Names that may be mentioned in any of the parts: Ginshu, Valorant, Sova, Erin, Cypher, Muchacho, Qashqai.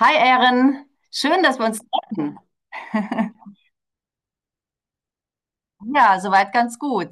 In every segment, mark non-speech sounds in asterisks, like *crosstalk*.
Hi Erin, schön, dass wir uns treffen. *laughs* Ja, soweit ganz gut.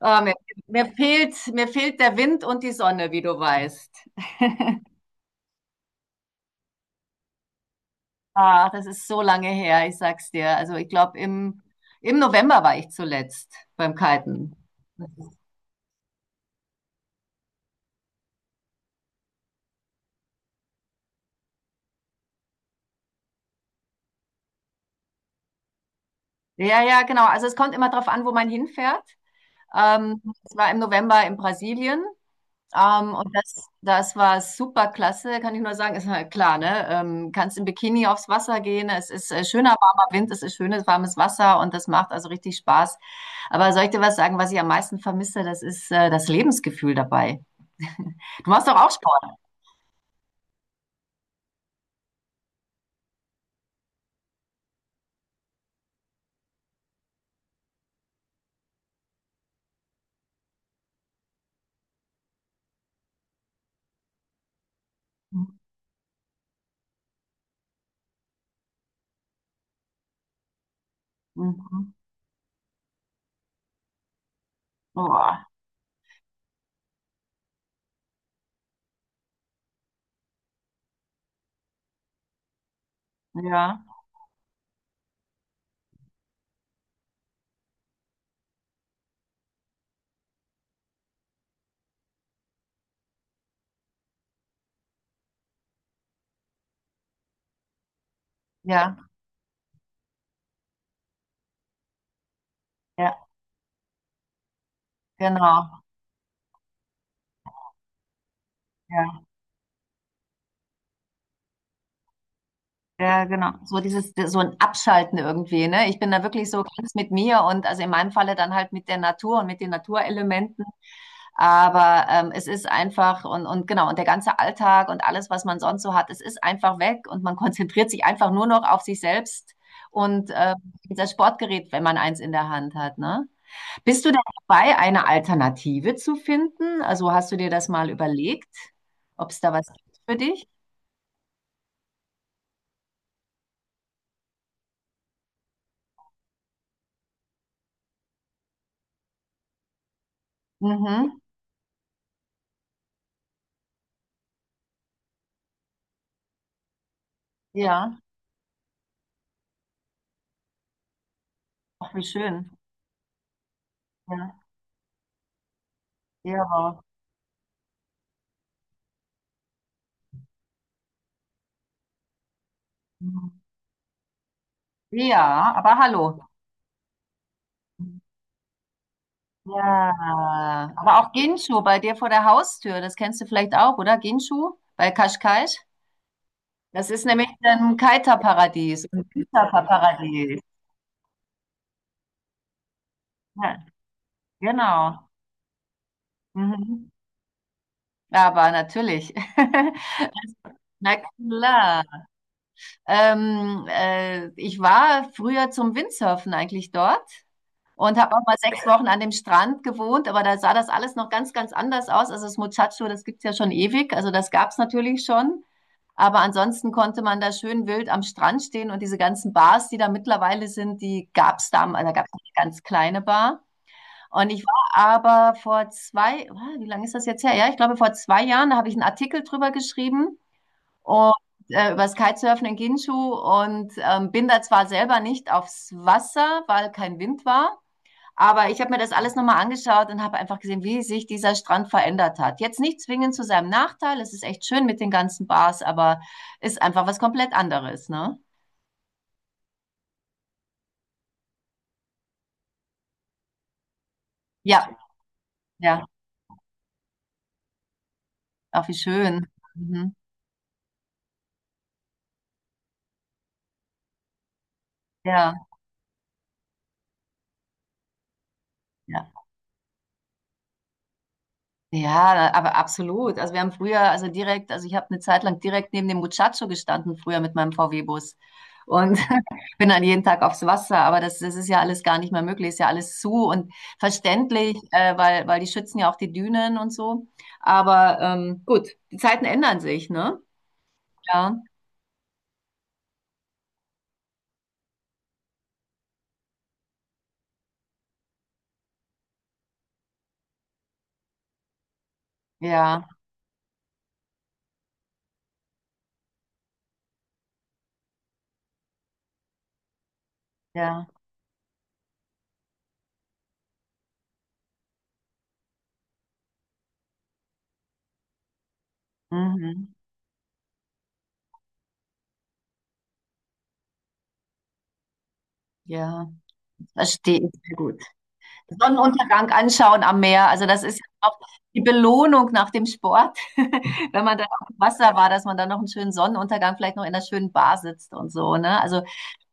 Oh, mir fehlt der Wind und die Sonne, wie du weißt. Ach, das ist so lange her, ich sag's dir. Also ich glaube, im November war ich zuletzt beim Kiten. Ja, ja, genau. Also es kommt immer darauf an, wo man hinfährt. Es war im November in Brasilien. Und das war super klasse, kann ich nur sagen. Ist halt klar, ne? Kannst im Bikini aufs Wasser gehen. Es ist schöner, warmer Wind, es ist schönes, warmes Wasser und das macht also richtig Spaß. Aber soll ich dir was sagen, was ich am meisten vermisse? Das ist das Lebensgefühl dabei. Du machst doch auch Sport. Mhm. Mhm. Boah. Ja, ja, ja, genau. Ja. Ja, genau. So dieses, so ein Abschalten irgendwie, ne? Ich bin da wirklich so ganz mit mir und also in meinem Falle dann halt mit der Natur und mit den Naturelementen. Aber es ist einfach, und genau, und der ganze Alltag und alles, was man sonst so hat, es ist einfach weg und man *laughs* konzentriert sich einfach nur noch auf sich selbst und das Sportgerät, wenn man eins in der Hand hat, ne? Bist du denn dabei, eine Alternative zu finden? Also hast du dir das mal überlegt, ob es da was gibt für dich? Mhm. Ja, ach, wie schön. Ja, ja. Ja, aber hallo. Ja, aber auch Ginshu bei dir vor der Haustür, das kennst du vielleicht auch, oder? Ginshu bei Qashqai. Das ist nämlich ein Kiter-Paradies, ein Kiter-Paradies. Ja, genau. Mhm. Ja, aber natürlich. *laughs* Na klar. Ich war früher zum Windsurfen eigentlich dort und habe auch mal sechs Wochen an dem Strand gewohnt, aber da sah das alles noch ganz, ganz anders aus. Also das Muchacho, das gibt's ja schon ewig, also das gab's natürlich schon. Aber ansonsten konnte man da schön wild am Strand stehen, und diese ganzen Bars, die da mittlerweile sind, die gab's damals, da gab's eine ganz kleine Bar. Und ich war aber vor zwei, wie lange ist das jetzt her? Ja, ich glaube vor zwei Jahren, da habe ich einen Artikel drüber geschrieben, und über das Kitesurfen in Ginshu, und bin da zwar selber nicht aufs Wasser, weil kein Wind war, aber ich habe mir das alles nochmal angeschaut und habe einfach gesehen, wie sich dieser Strand verändert hat. Jetzt nicht zwingend zu seinem Nachteil, es ist echt schön mit den ganzen Bars, aber ist einfach was komplett anderes, ne? Ja, ja, auch wie schön. Mhm. Ja, ja. Ja, aber absolut. Also wir haben früher, also direkt, also ich habe eine Zeit lang direkt neben dem Muchacho gestanden, früher mit meinem VW-Bus. Und bin dann jeden Tag aufs Wasser, aber das, das ist ja alles gar nicht mehr möglich, ist ja alles zu und verständlich, weil, die schützen ja auch die Dünen und so. Aber gut, die Zeiten ändern sich, ne? Ja, ja, ja. Mhm. Ja, verstehe ich sehr gut. Sonnenuntergang anschauen am Meer, also das ist ja auch die Belohnung nach dem Sport, *laughs* wenn man dann auf dem Wasser war, dass man dann noch einen schönen Sonnenuntergang, vielleicht noch in einer schönen Bar sitzt und so, ne? Also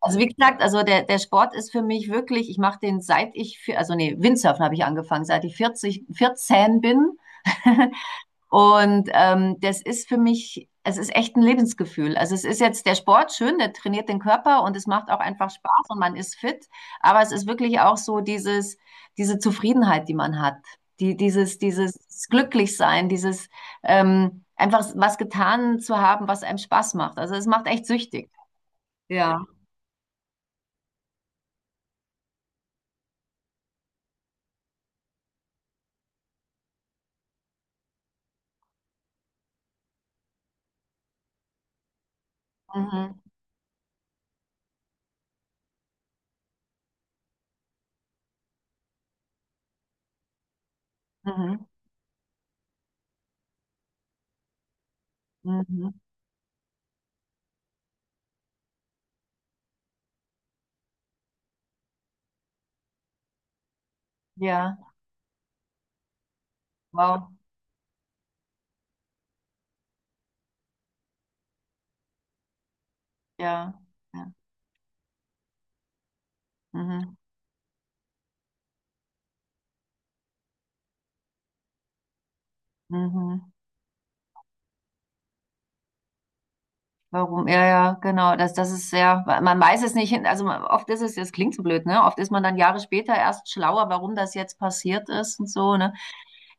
Also wie gesagt, also der, der Sport ist für mich wirklich, ich mache den seit ich also nee, Windsurfen habe ich angefangen, seit ich 40, 14 bin. *laughs* Und das ist für mich, es ist echt ein Lebensgefühl. Also es ist jetzt der Sport schön, der trainiert den Körper und es macht auch einfach Spaß und man ist fit. Aber es ist wirklich auch so dieses, diese Zufriedenheit, die man hat, die, dieses, dieses Glücklichsein, dieses einfach was getan zu haben, was einem Spaß macht. Also es macht echt süchtig. Ja. Mhm. Mhm. Mhm. Ja, wow. Ja. Ja. Mhm. Mhm. Warum? Ja, ja, genau. Das, das ist sehr, man weiß es nicht hin. Also man — oft ist es, das klingt so blöd, ne? Oft ist man dann Jahre später erst schlauer, warum das jetzt passiert ist und so, ne?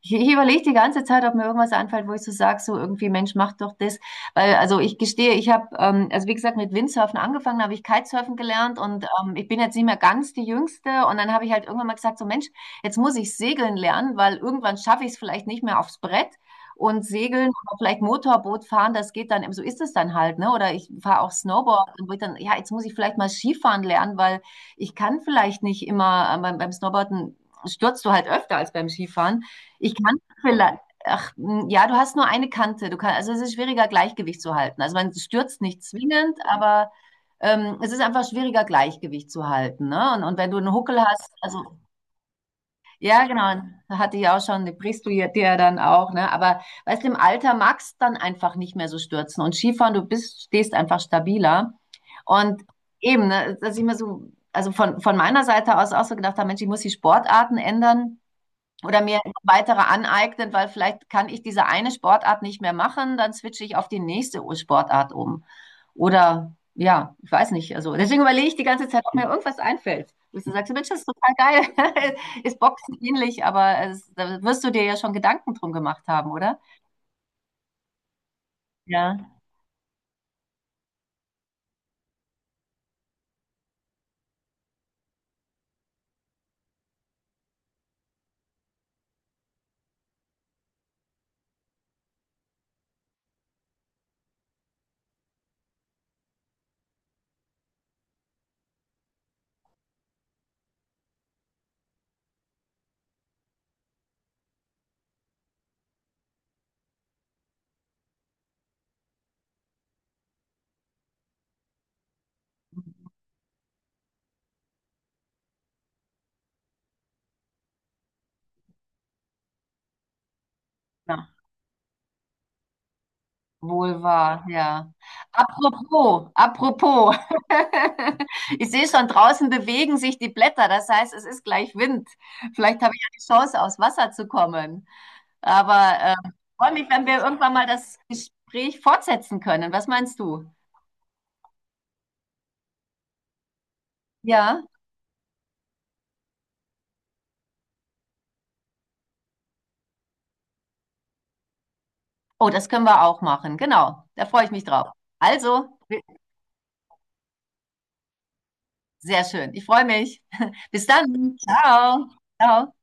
Ich überlege die ganze Zeit, ob mir irgendwas einfällt, wo ich so sage, so irgendwie, Mensch, mach doch das. Weil, also ich gestehe, ich habe, also wie gesagt, mit Windsurfen angefangen, habe ich Kitesurfen gelernt, und ich bin jetzt nicht mehr ganz die Jüngste. Und dann habe ich halt irgendwann mal gesagt, so Mensch, jetzt muss ich segeln lernen, weil irgendwann schaffe ich es vielleicht nicht mehr aufs Brett. Und segeln oder vielleicht Motorboot fahren, das geht dann, so ist es dann halt, ne? Oder ich fahre auch Snowboard, und wo ich dann, ja, jetzt muss ich vielleicht mal Skifahren lernen, weil ich kann vielleicht nicht immer, beim, Snowboarden stürzt du halt öfter als beim Skifahren. Ich kann vielleicht, ach, ja, du hast nur eine Kante. Du kannst, also es ist schwieriger, Gleichgewicht zu halten. Also man stürzt nicht zwingend, aber es ist einfach schwieriger, Gleichgewicht zu halten. Ne? Und wenn du einen Huckel hast, also ja, genau, hatte ich auch schon, die brichst du dir dann auch. Ne? Aber weißt du, im Alter magst du dann einfach nicht mehr so stürzen. Und Skifahren, du bist, stehst einfach stabiler. Und eben, ne, dass ich mir so, also von meiner Seite aus auch so gedacht habe, Mensch, ich muss die Sportarten ändern oder mir weitere aneignen, weil vielleicht kann ich diese eine Sportart nicht mehr machen, dann switche ich auf die nächste Sportart um. Oder ja, ich weiß nicht. Also deswegen überlege ich die ganze Zeit, ob mir irgendwas einfällt. Dass du sagst, Mensch, das ist total geil. *laughs* Ist Boxen ähnlich, aber es, da wirst du dir ja schon Gedanken drum gemacht haben, oder? Ja. Ja. Wohl wahr, ja. Apropos, apropos. *laughs* Ich sehe schon, draußen bewegen sich die Blätter. Das heißt, es ist gleich Wind. Vielleicht habe ich ja die Chance, aufs Wasser zu kommen. Aber ich freue mich, wenn wir irgendwann mal das Gespräch fortsetzen können. Was meinst du? Ja. Oh, das können wir auch machen. Genau. Da freue ich mich drauf. Also, sehr schön. Ich freue mich. *laughs* Bis dann. Ciao. Ciao.